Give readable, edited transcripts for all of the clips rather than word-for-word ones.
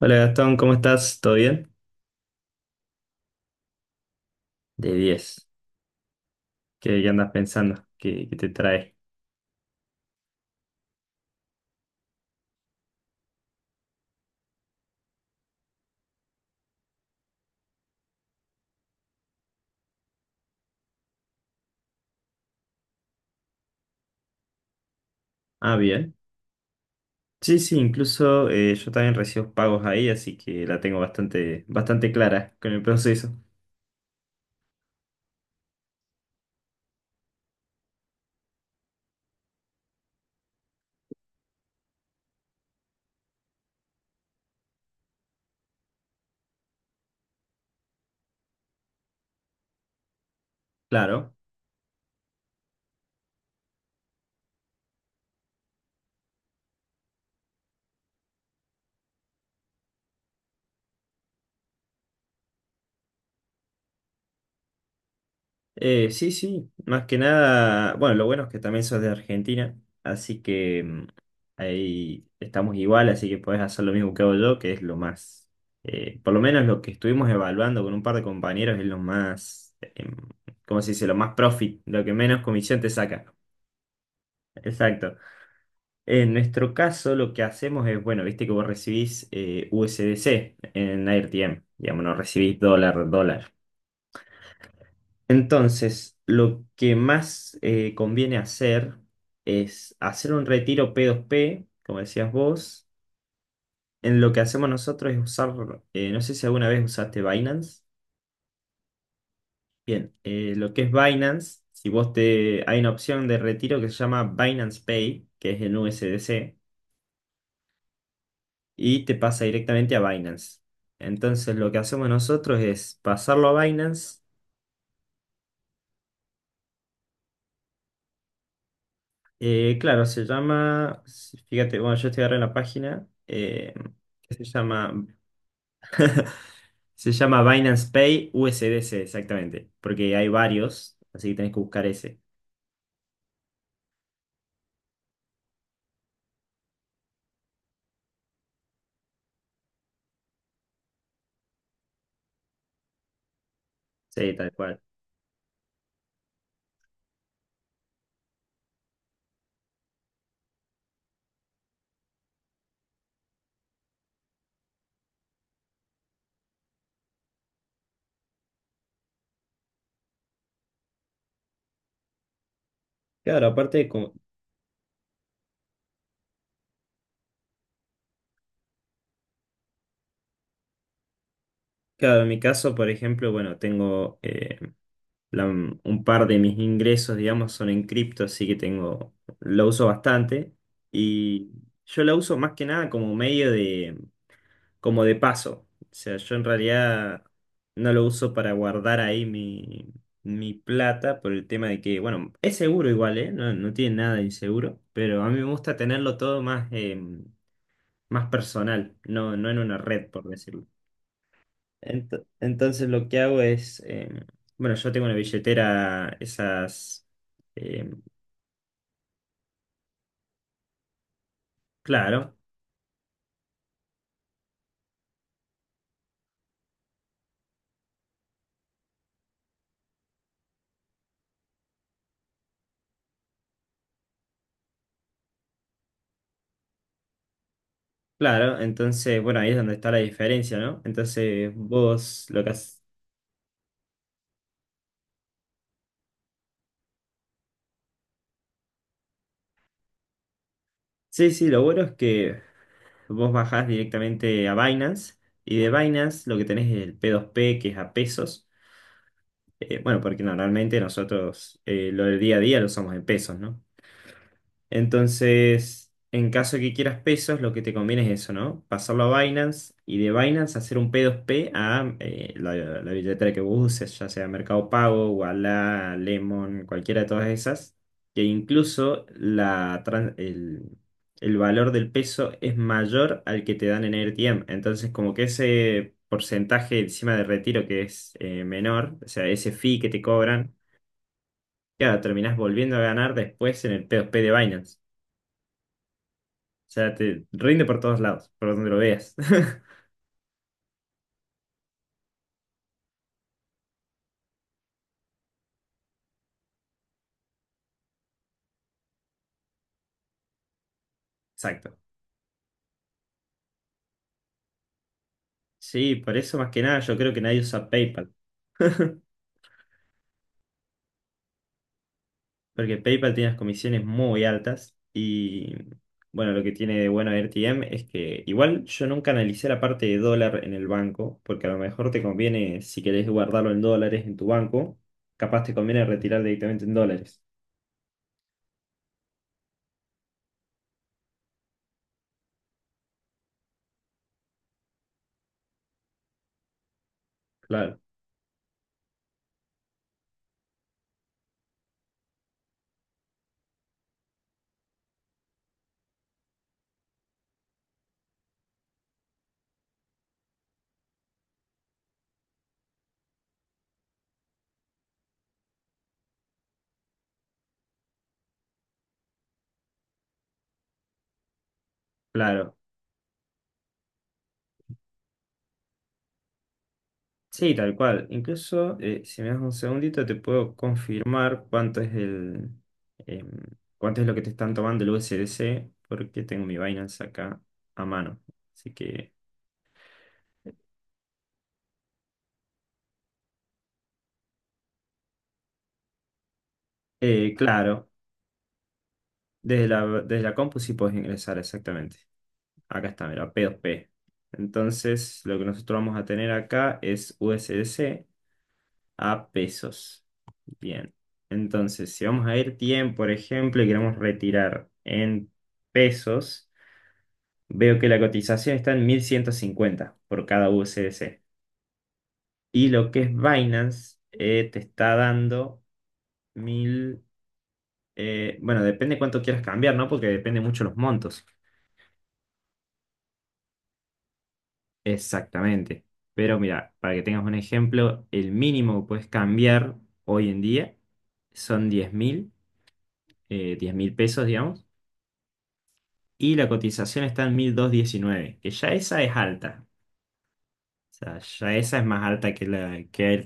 Hola Gastón, ¿cómo estás? ¿Todo bien? De 10. ¿Qué andas pensando? ¿Qué te trae? Ah, bien. Sí, sí, incluso yo también recibo pagos ahí, así que la tengo bastante, bastante clara con el proceso. Claro. Sí, sí, más que nada, bueno, lo bueno es que también sos de Argentina, así que ahí estamos igual, así que podés hacer lo mismo que hago yo, que es lo más, por lo menos lo que estuvimos evaluando con un par de compañeros es lo más, ¿cómo se dice? Lo más profit, lo que menos comisión te saca. Exacto. En nuestro caso lo que hacemos es, bueno, viste que vos recibís USDC en AirTM, digamos, no recibís dólar, dólar. Entonces, lo que más conviene hacer es hacer un retiro P2P, como decías vos. En lo que hacemos nosotros es usar, no sé si alguna vez usaste Binance. Bien, lo que es Binance, si vos te, hay una opción de retiro que se llama Binance Pay, que es en USDC, y te pasa directamente a Binance. Entonces, lo que hacemos nosotros es pasarlo a Binance. Claro, se llama, si, fíjate, bueno, yo estoy ahora en la página, que se llama, se llama Binance Pay USDC, exactamente, porque hay varios, así que tenés que buscar ese. Sí, tal cual. Claro, aparte, claro, en mi caso, por ejemplo, bueno, tengo un par de mis ingresos, digamos, son en cripto, así que tengo, lo uso bastante, y yo la uso más que nada como medio, como de paso. O sea, yo en realidad no lo uso para guardar ahí mi plata por el tema de que, bueno, es seguro igual, ¿eh? No, no tiene nada de inseguro, pero a mí me gusta tenerlo todo más, más personal, no, no en una red, por decirlo. Entonces lo que hago es, bueno, yo tengo una billetera, esas, eh, claro. Claro, entonces, bueno, ahí es donde está la diferencia, ¿no? Entonces, vos lo que haces... Sí, sí, lo bueno es que vos bajás directamente a Binance, y de Binance lo que tenés es el P2P, que es a pesos. Bueno, porque normalmente nosotros lo del día a día lo usamos en pesos, ¿no? Entonces, en caso de que quieras pesos, lo que te conviene es eso, ¿no? Pasarlo a Binance y de Binance hacer un P2P a la billetera que vos uses, ya sea Mercado Pago, Ualá, Lemon, cualquiera de todas esas, que incluso el valor del peso es mayor al que te dan en AirTM. Entonces, como que ese porcentaje encima de retiro que es menor, o sea, ese fee que te cobran, claro, terminás volviendo a ganar después en el P2P de Binance. O sea, te rinde por todos lados, por donde lo veas. Exacto. Sí, por eso más que nada yo creo que nadie usa PayPal. Porque PayPal tiene las comisiones muy altas, y bueno, lo que tiene de bueno RTM es que, igual, yo nunca analicé la parte de dólar en el banco, porque a lo mejor te conviene, si querés guardarlo en dólares en tu banco, capaz te conviene retirar directamente en dólares. Claro, claro. Sí, tal cual. Incluso, si me das un segundito, te puedo confirmar cuánto es el, em, cuánto es lo que te están tomando el USDC, porque tengo mi Binance acá a mano. Así que, claro, desde la compu sí puedes ingresar exactamente. Acá está, mira, P2P. Entonces, lo que nosotros vamos a tener acá es USDC a pesos. Bien. Entonces, si vamos a ir tiempo, por ejemplo, y queremos retirar en pesos. Veo que la cotización está en 1.150 por cada USDC. Y lo que es Binance te está dando mil, bueno, depende cuánto quieras cambiar, ¿no? Porque depende mucho los montos. Exactamente. Pero mira, para que tengas un ejemplo, el mínimo que puedes cambiar hoy en día son 10.000, 10 mil pesos, digamos. Y la cotización está en 1.219, que ya esa es alta. O sea, ya esa es más alta que la que el.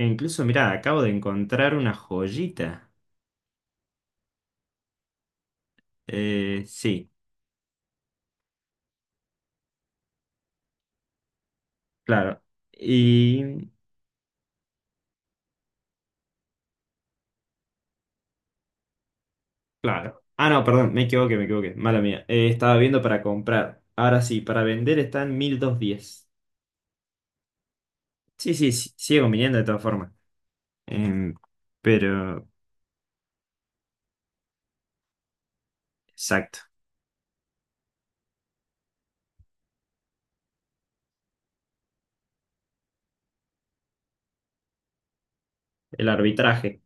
E incluso, mirá, acabo de encontrar una joyita. Sí, claro. Y, claro. Ah, no, perdón, me equivoqué, me equivoqué. Mala mía. Estaba viendo para comprar. Ahora sí, para vender está en 1210. Sí, sí, sí, sigue conviniendo de todas formas. Em, pero, exacto. El arbitraje.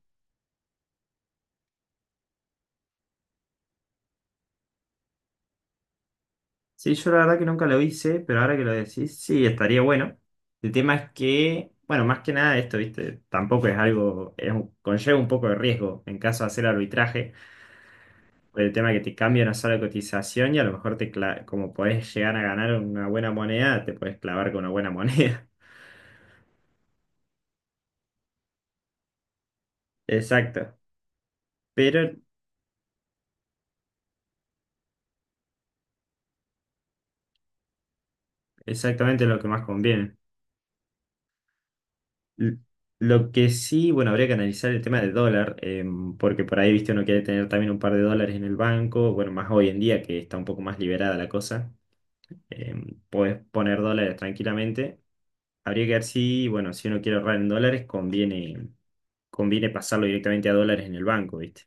Sí, yo la verdad que nunca lo hice, pero ahora que lo decís, sí, estaría bueno. El tema es que, bueno, más que nada esto, ¿viste? Tampoco es algo, conlleva un poco de riesgo en caso de hacer arbitraje. Por el tema que te cambia una sola cotización y, a lo mejor, como podés llegar a ganar una buena moneda, te podés clavar con una buena moneda. Exacto. Pero exactamente lo que más conviene. L- Lo que sí, bueno, habría que analizar el tema del dólar, porque por ahí, viste, uno quiere tener también un par de dólares en el banco, bueno, más hoy en día que está un poco más liberada la cosa, podés poner dólares tranquilamente. Habría que ver si, bueno, si uno quiere ahorrar en dólares, conviene pasarlo directamente a dólares en el banco, ¿viste?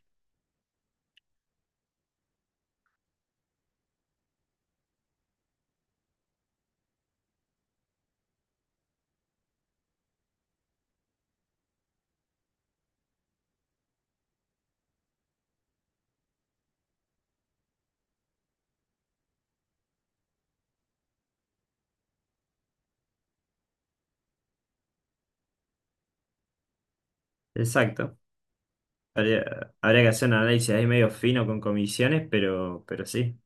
Exacto. Habría que hacer un análisis ahí medio fino con comisiones, pero sí.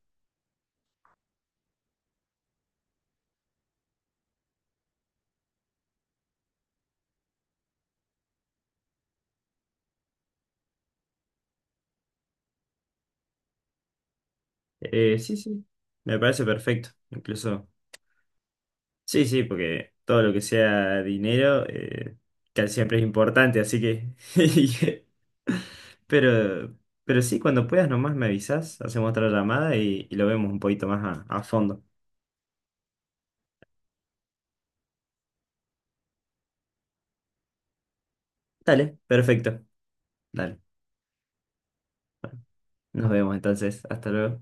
Sí, sí. Me parece perfecto. Incluso. Sí, sí, porque todo lo que sea dinero, casi siempre es importante, así que. Pero, pero sí, cuando puedas nomás me avisas, hacemos otra llamada y lo vemos un poquito más a fondo. Dale, perfecto. Dale. Nos vemos entonces. Hasta luego.